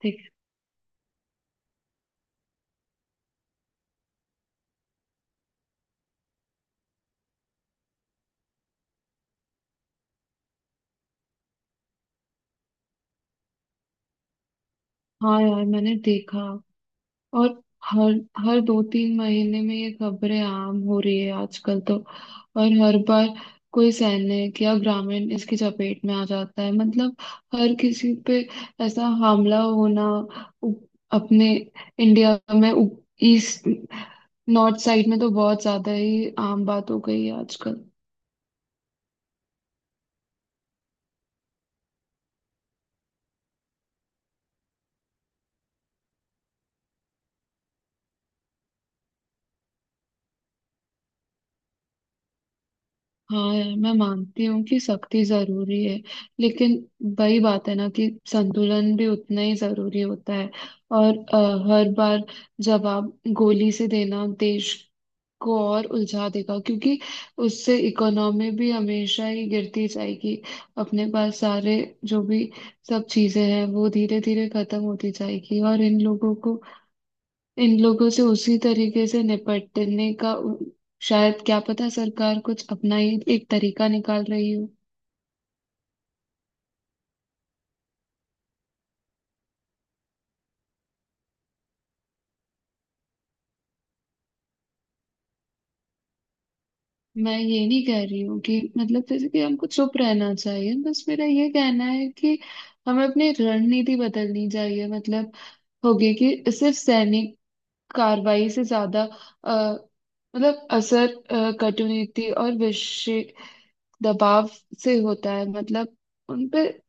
देख। हाँ यार, मैंने देखा। और हर हर दो तीन महीने में ये खबरें आम हो रही है आजकल तो। और हर बार कोई सैनिक या ग्रामीण इसकी चपेट में आ जाता है, मतलब हर किसी पे ऐसा हमला होना, उ- अपने इंडिया में ईस्ट नॉर्थ साइड में तो बहुत ज्यादा ही आम बात हो गई है आजकल। हाँ यार, मैं मानती हूँ कि सख्ती जरूरी है, लेकिन वही बात है ना कि संतुलन भी उतना ही जरूरी होता है। और हर बार जवाब गोली से देना देश को और उलझा देगा, क्योंकि उससे इकोनॉमी भी हमेशा ही गिरती जाएगी। अपने पास सारे जो भी सब चीजें हैं वो धीरे धीरे खत्म होती जाएगी, और इन लोगों से उसी तरीके से निपटने का शायद क्या पता, सरकार कुछ अपना ही एक तरीका निकाल रही हो। मैं ये नहीं कह रही हूँ कि मतलब जैसे कि हमको चुप रहना चाहिए, बस मेरा ये कहना है कि हमें अपनी रणनीति बदलनी चाहिए। मतलब होगी कि सिर्फ सैनिक कार्रवाई से ज्यादा अ, मतलब असर कटुनीति और विषय दबाव से होता है। मतलब उन पे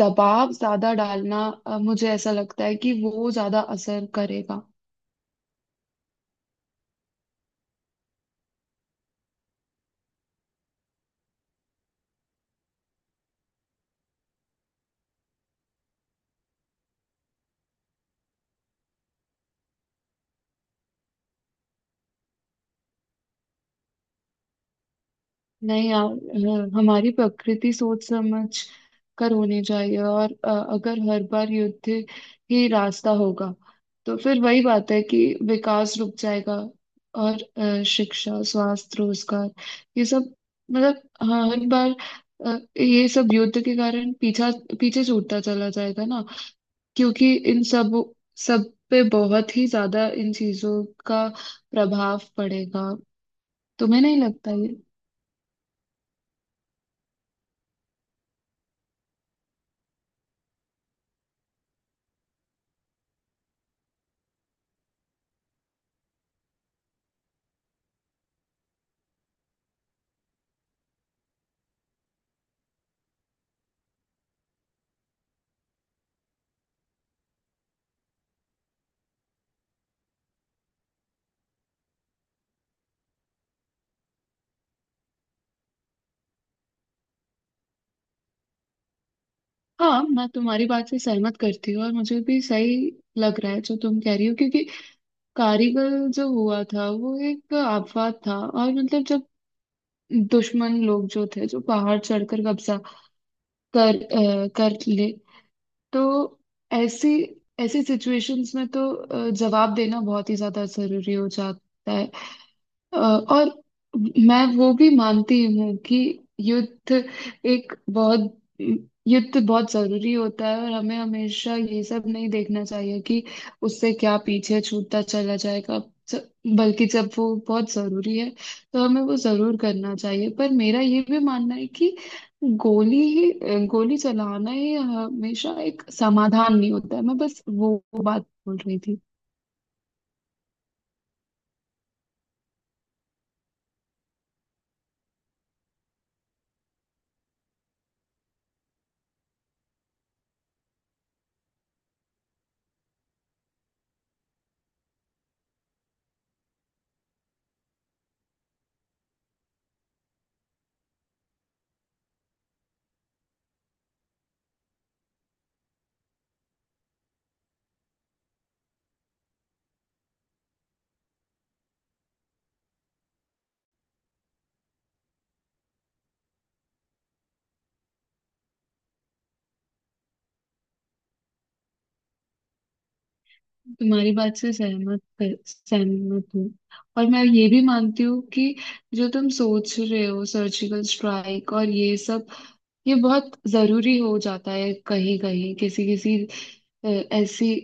दबाव ज्यादा डालना, मुझे ऐसा लगता है कि वो ज्यादा असर करेगा। नहीं यार, हमारी प्रकृति सोच समझ कर होनी चाहिए, और अगर हर बार युद्ध ही रास्ता होगा तो फिर वही बात है कि विकास रुक जाएगा, और शिक्षा स्वास्थ्य रोजगार ये सब, मतलब हर बार ये सब युद्ध के कारण पीछा पीछे छूटता चला जाएगा ना। क्योंकि इन सब सब पे बहुत ही ज्यादा इन चीजों का प्रभाव पड़ेगा। तुम्हें नहीं लगता ये? हाँ, मैं तुम्हारी बात से सहमत करती हूँ, और मुझे भी सही लग रहा है जो तुम कह रही हो। क्योंकि कारीगल जो हुआ था वो एक आफत था, और मतलब जब दुश्मन लोग जो थे जो पहाड़ चढ़कर कब्जा कर ले, तो ऐसी ऐसी सिचुएशंस में तो जवाब देना बहुत ही ज्यादा जरूरी हो जाता है। और मैं वो भी मानती हूँ कि युद्ध एक बहुत युद्ध बहुत जरूरी होता है, और हमें हमेशा ये सब नहीं देखना चाहिए कि उससे क्या पीछे छूटता चला जाएगा। ज- बल्कि जब वो बहुत जरूरी है तो हमें वो जरूर करना चाहिए, पर मेरा ये भी मानना है कि गोली ही गोली चलाना ही हमेशा एक समाधान नहीं होता है। मैं बस वो बात बोल रही थी। तुम्हारी बात से सहमत हूँ, और मैं ये भी मानती हूँ कि जो तुम सोच रहे हो, सर्जिकल स्ट्राइक और ये सब, ये बहुत जरूरी हो जाता है कहीं कहीं, किसी किसी अ, ऐसी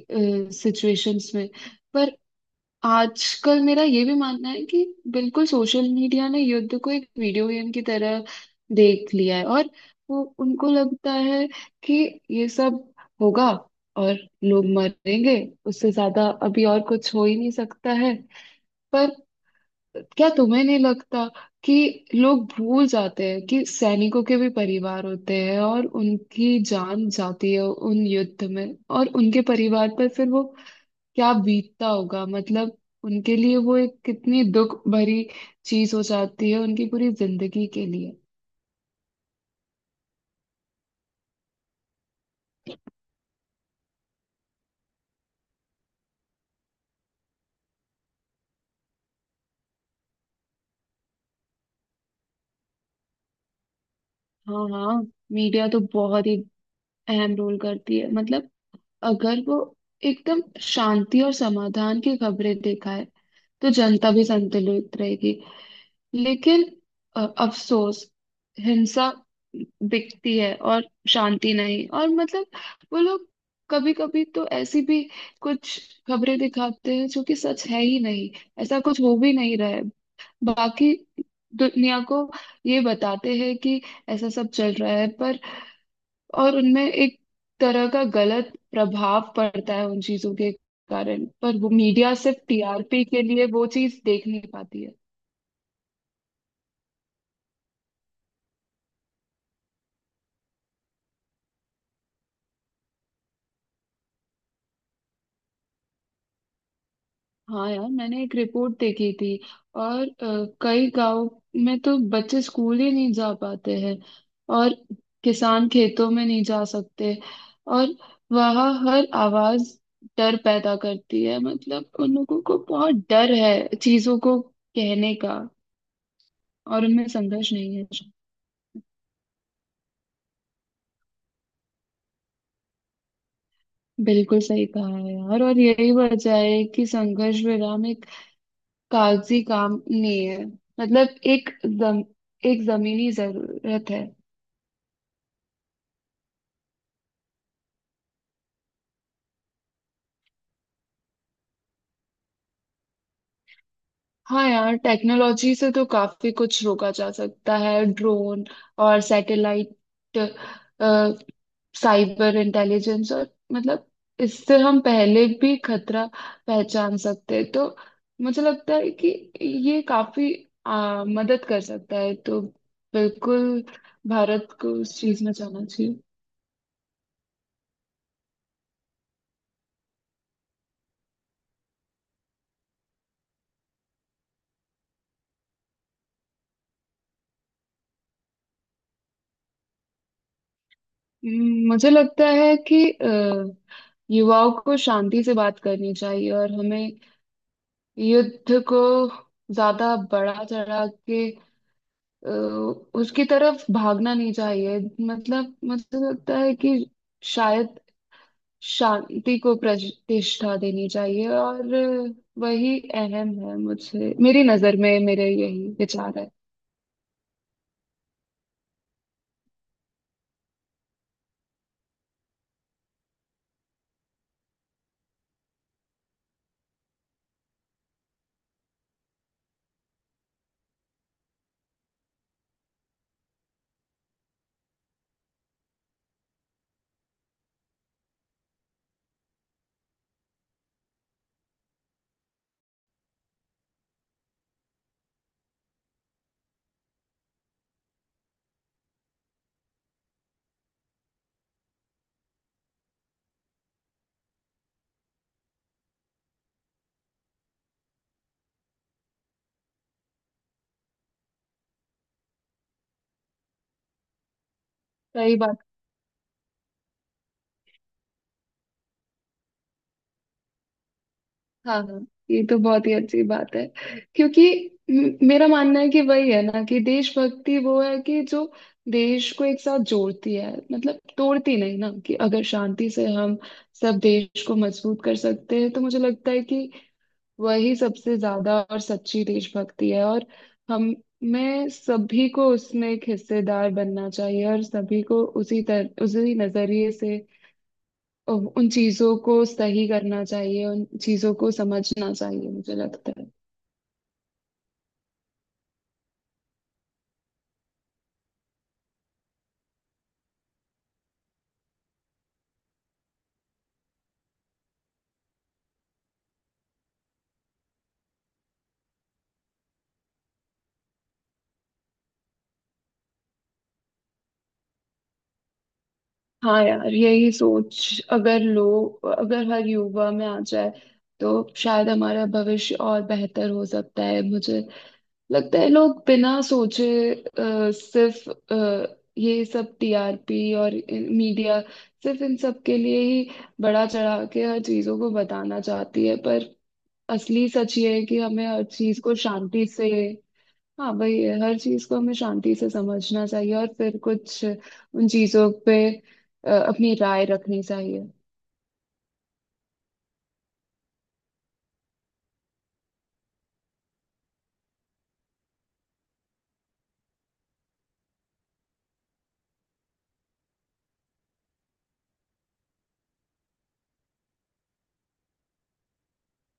सिचुएशंस में। पर आजकल मेरा ये भी मानना है कि बिल्कुल सोशल मीडिया ने युद्ध को एक वीडियो गेम की तरह देख लिया है, और वो उनको लगता है कि ये सब होगा और लोग मरेंगे, उससे ज्यादा अभी और कुछ हो ही नहीं सकता है। पर क्या तुम्हें नहीं लगता कि लोग भूल जाते हैं कि सैनिकों के भी परिवार होते हैं, और उनकी जान जाती है उन युद्ध में, और उनके परिवार पर फिर वो क्या बीतता होगा? मतलब उनके लिए वो एक कितनी दुख भरी चीज हो जाती है, उनकी पूरी जिंदगी के लिए। हाँ हाँ। मीडिया तो बहुत ही अहम रोल करती है। मतलब अगर वो एकदम शांति और समाधान की खबरें दिखाए तो जनता भी संतुलित रहेगी, लेकिन अफसोस, हिंसा बिकती है और शांति नहीं। और मतलब वो लोग कभी कभी तो ऐसी भी कुछ खबरें दिखाते हैं जो कि सच है ही नहीं, ऐसा कुछ हो भी नहीं रहा है। बाकी दुनिया को ये बताते हैं कि ऐसा सब चल रहा है, पर और उनमें एक तरह का गलत प्रभाव पड़ता है उन चीजों के कारण, पर वो मीडिया सिर्फ टीआरपी के लिए वो चीज देख नहीं पाती है। हाँ यार, मैंने एक रिपोर्ट देखी थी, और कई गांव में तो बच्चे स्कूल ही नहीं जा पाते हैं, और किसान खेतों में नहीं जा सकते, और वहाँ हर आवाज डर पैदा करती है। मतलब उन लोगों को बहुत डर है चीजों को कहने का, और उनमें संघर्ष नहीं है। बिल्कुल सही कहा है यार, और यही वजह है कि संघर्ष विराम एक कागजी काम नहीं है, मतलब एक जमीनी जरूरत है। हाँ यार, टेक्नोलॉजी से तो काफी कुछ रोका जा सकता है। ड्रोन और सैटेलाइट, साइबर इंटेलिजेंस, और मतलब इससे हम पहले भी खतरा पहचान सकते हैं। तो मुझे लगता है कि ये काफी मदद कर सकता है। तो बिल्कुल, भारत को उस चीज में जाना चाहिए। मुझे लगता है कि युवाओं को शांति से बात करनी चाहिए, और हमें युद्ध को ज्यादा बढ़ा चढ़ा के अ, उसकी तरफ भागना नहीं चाहिए। मतलब मुझे लगता है कि शायद शांति को प्रतिष्ठा देनी चाहिए, और वही अहम है। मुझे, मेरी नजर में, मेरे यही विचार है। सही बात। हाँ हाँ, ये तो बहुत ही अच्छी बात है। क्योंकि मेरा मानना है कि वही है ना कि देशभक्ति वो है कि जो देश को एक साथ जोड़ती है, मतलब तोड़ती नहीं ना, कि अगर शांति से हम सब देश को मजबूत कर सकते हैं तो मुझे लगता है कि वही सबसे ज्यादा और सच्ची देशभक्ति है। और हम मैं सभी को उसमें एक हिस्सेदार बनना चाहिए, और सभी को उसी तरह उसी नजरिए से उन चीजों को सही करना चाहिए, उन चीजों को समझना चाहिए, मुझे लगता है। हाँ यार, यही सोच अगर हर युवा में आ जाए तो शायद हमारा भविष्य और बेहतर हो सकता है, मुझे लगता है। लोग बिना सोचे सिर्फ ये सब टीआरपी और मीडिया, सिर्फ इन सब के लिए ही बड़ा चढ़ा के हर चीजों को बताना चाहती है, पर असली सच ये है कि हमें हर चीज को शांति से। हाँ भाई, हर चीज को हमें शांति से समझना चाहिए, और फिर कुछ उन चीजों पे अपनी राय रखनी चाहिए।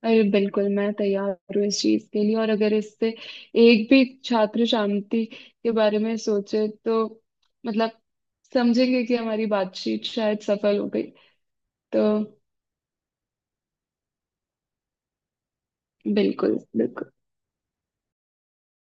अरे बिल्कुल, मैं तैयार हूँ इस चीज के लिए, और अगर इससे एक भी छात्र शांति के बारे में सोचे तो, मतलब, समझेंगे कि हमारी बातचीत शायद सफल हो गई। तो बिल्कुल बिल्कुल।